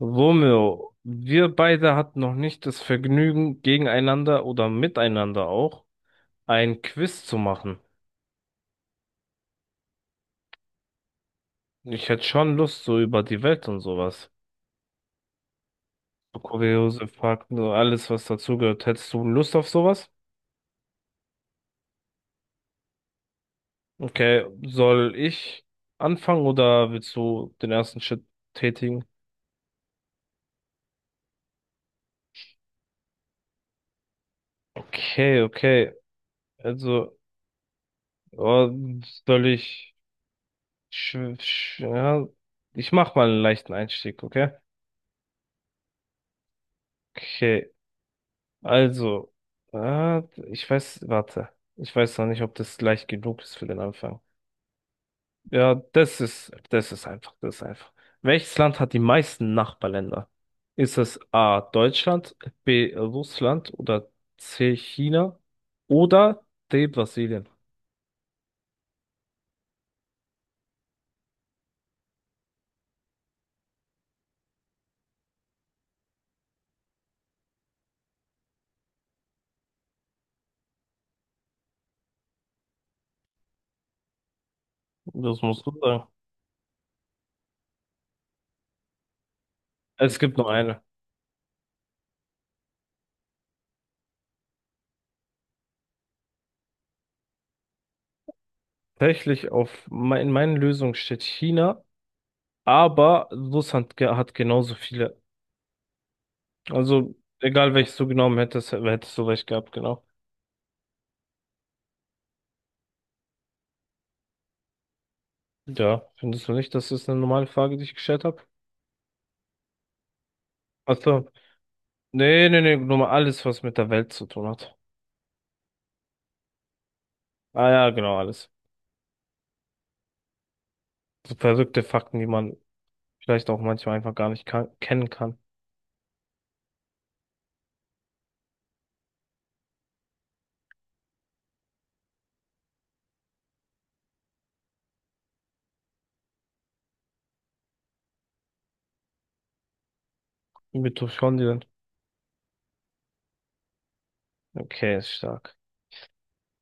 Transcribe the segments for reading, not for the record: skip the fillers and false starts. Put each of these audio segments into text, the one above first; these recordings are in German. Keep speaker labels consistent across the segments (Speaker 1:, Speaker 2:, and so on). Speaker 1: Romeo, wir beide hatten noch nicht das Vergnügen, gegeneinander oder miteinander auch ein Quiz zu machen. Ich hätte schon Lust, so über die Welt und sowas. So kuriose Fakten, so alles, was dazugehört. Hättest du Lust auf sowas? Okay, soll ich anfangen oder willst du den ersten Schritt tätigen? Okay, okay. Also, oh, soll ich... sch- sch- ja, ich mach mal einen leichten Einstieg, okay? Okay. Also, äh, ich weiß, warte. Ich weiß noch nicht, ob das leicht genug ist für den Anfang. Ja, das ist einfach, das ist einfach. Welches Land hat die meisten Nachbarländer? Ist es A. Deutschland, B. Russland oder C. China oder D. Brasilien? Das musst du sagen. Es gibt nur eine. Tatsächlich in meinen Lösungen steht China, aber Russland hat genauso viele. Also egal welches du genommen hättest, hättest du recht gehabt, genau. Ja, findest du nicht, dass das eine normale Frage, die ich gestellt habe? Achso. Nee, nee, nee, nur mal alles, was mit der Welt zu tun hat. Ah ja, genau, alles. So verrückte Fakten, die man vielleicht auch manchmal einfach gar nicht kan kennen kann. Mitochondrien. Okay, ist stark.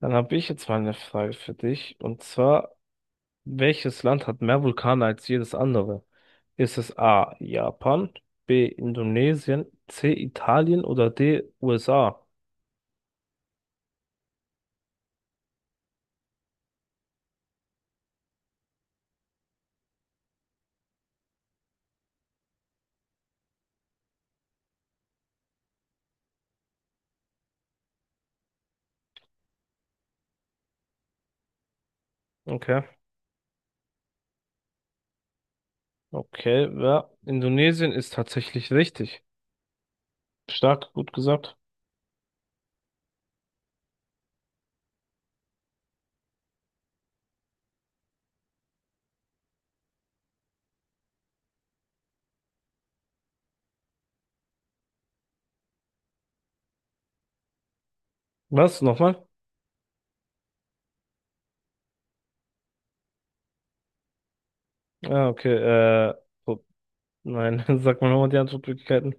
Speaker 1: Dann habe ich jetzt mal eine Frage für dich. Und zwar, welches Land hat mehr Vulkane als jedes andere? Ist es A, Japan, B, Indonesien, C, Italien oder D, USA? Okay. Okay, ja. Indonesien ist tatsächlich richtig. Stark, gut gesagt. Was? Nochmal? Ah, okay, äh, oh, nein, sag mal nochmal die Antwortmöglichkeiten.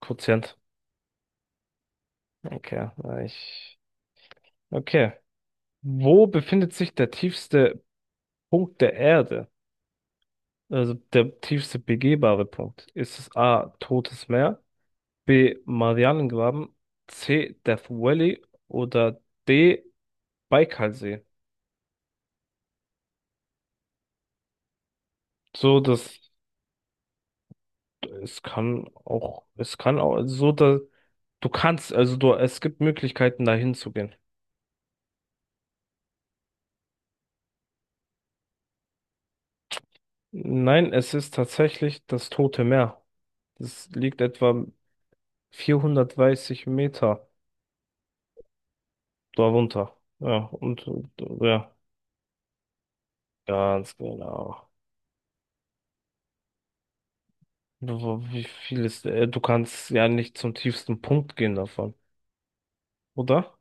Speaker 1: Quotient. Okay, na, ich. Okay. Wo befindet sich der tiefste Punkt der Erde? Also der tiefste begehbare Punkt. Ist es A, Totes Meer, B, Marianengraben, C, Death Valley oder D, Baikalsee? So, das Es kann auch also so, da, du kannst, also du, es gibt Möglichkeiten, dahin zu gehen. Nein, es ist tatsächlich das Tote Meer. Das liegt etwa 430 Meter darunter. Ja, und ja, ganz genau. Wie viel ist, du kannst ja nicht zum tiefsten Punkt gehen davon, oder?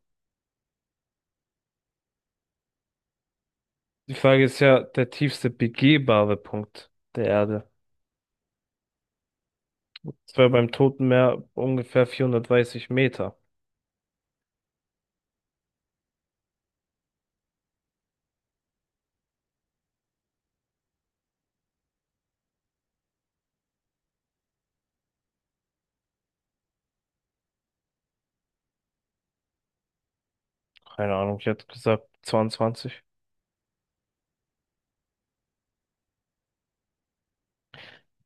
Speaker 1: Die Frage ist ja, der tiefste begehbare Punkt der Erde. Das wäre beim Toten Meer ungefähr 430 Meter. Keine Ahnung, ich hätte gesagt 22.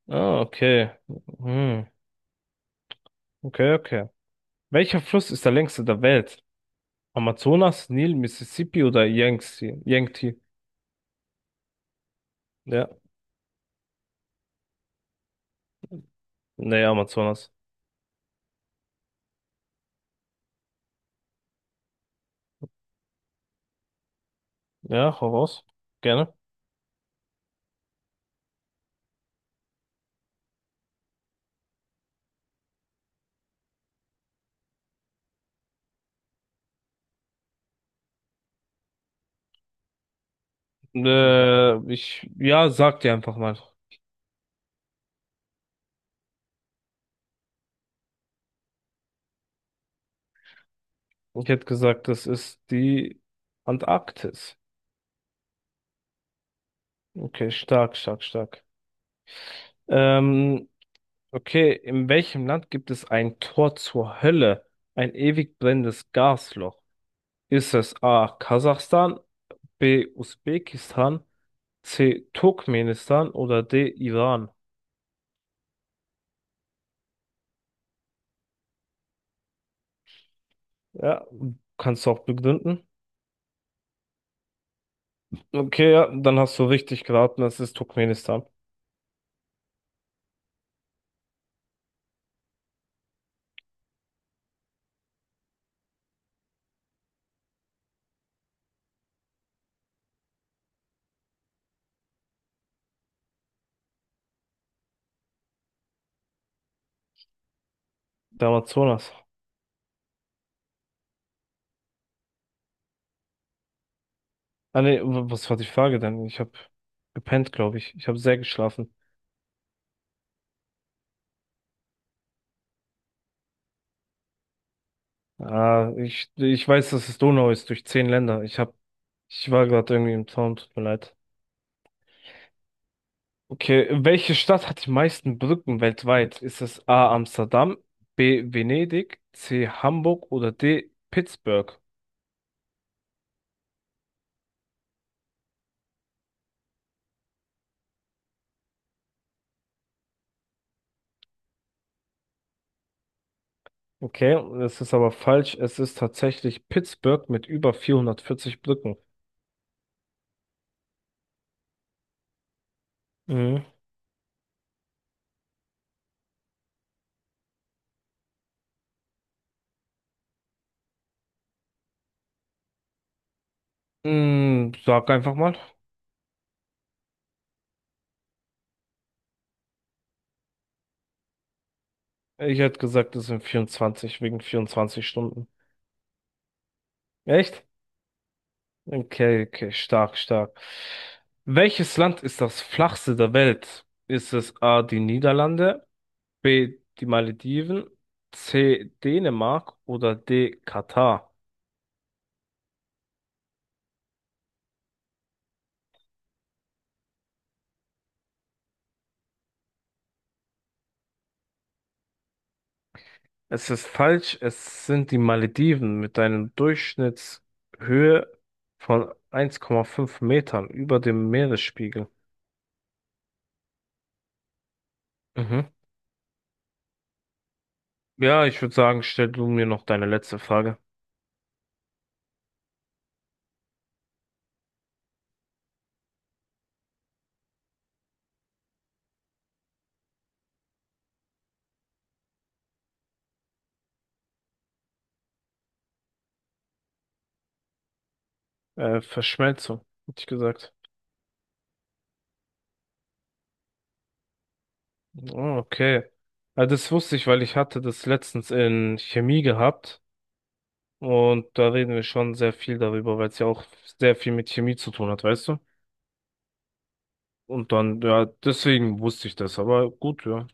Speaker 1: Ah, okay. Hm. Okay, okay. Welcher Fluss ist der längste der Welt? Amazonas, Nil, Mississippi oder Yangtze? Yangtze? Ja. Nee, Amazonas. Ja, hau raus. Gerne. Ja, sag dir einfach mal. Ich hätte gesagt, das ist die Antarktis. Okay, stark, stark, stark. Ähm, okay, in welchem Land gibt es ein Tor zur Hölle? Ein ewig brennendes Gasloch? Ist es A. Kasachstan, B. Usbekistan, C. Turkmenistan oder D. Iran? Ja, kannst du auch begründen. Okay, ja, dann hast du richtig geraten, es ist Turkmenistan. Der Amazonas. Ah nee, was war die Frage denn? Ich habe gepennt, glaube ich. Ich habe sehr geschlafen. Ah, ich weiß, dass es Donau ist durch 10 Länder. Ich war gerade irgendwie im Traum, tut mir leid. Okay, welche Stadt hat die meisten Brücken weltweit? Ist es A. Amsterdam, B. Venedig, C. Hamburg oder D. Pittsburgh? Okay, das ist aber falsch. Es ist tatsächlich Pittsburgh mit über 440 Brücken. Mhm. Mm, sag einfach mal. Ich hätte gesagt, es sind 24 wegen 24 Stunden. Echt? Okay, okay, stark, stark. Welches Land ist das flachste der Welt? Ist es A. die Niederlande? B. Die Malediven. C. Dänemark oder D. Katar. Es ist falsch, es sind die Malediven mit einer Durchschnittshöhe von 1,5 Metern über dem Meeresspiegel. Mhm. Ja, ich würde sagen, stell du mir noch deine letzte Frage. Verschmelzung, hätte ich gesagt. Oh, okay. Das wusste ich, weil ich hatte das letztens in Chemie gehabt. Und da reden wir schon sehr viel darüber, weil es ja auch sehr viel mit Chemie zu tun hat, weißt du? Und dann, ja, deswegen wusste ich das, aber gut, ja.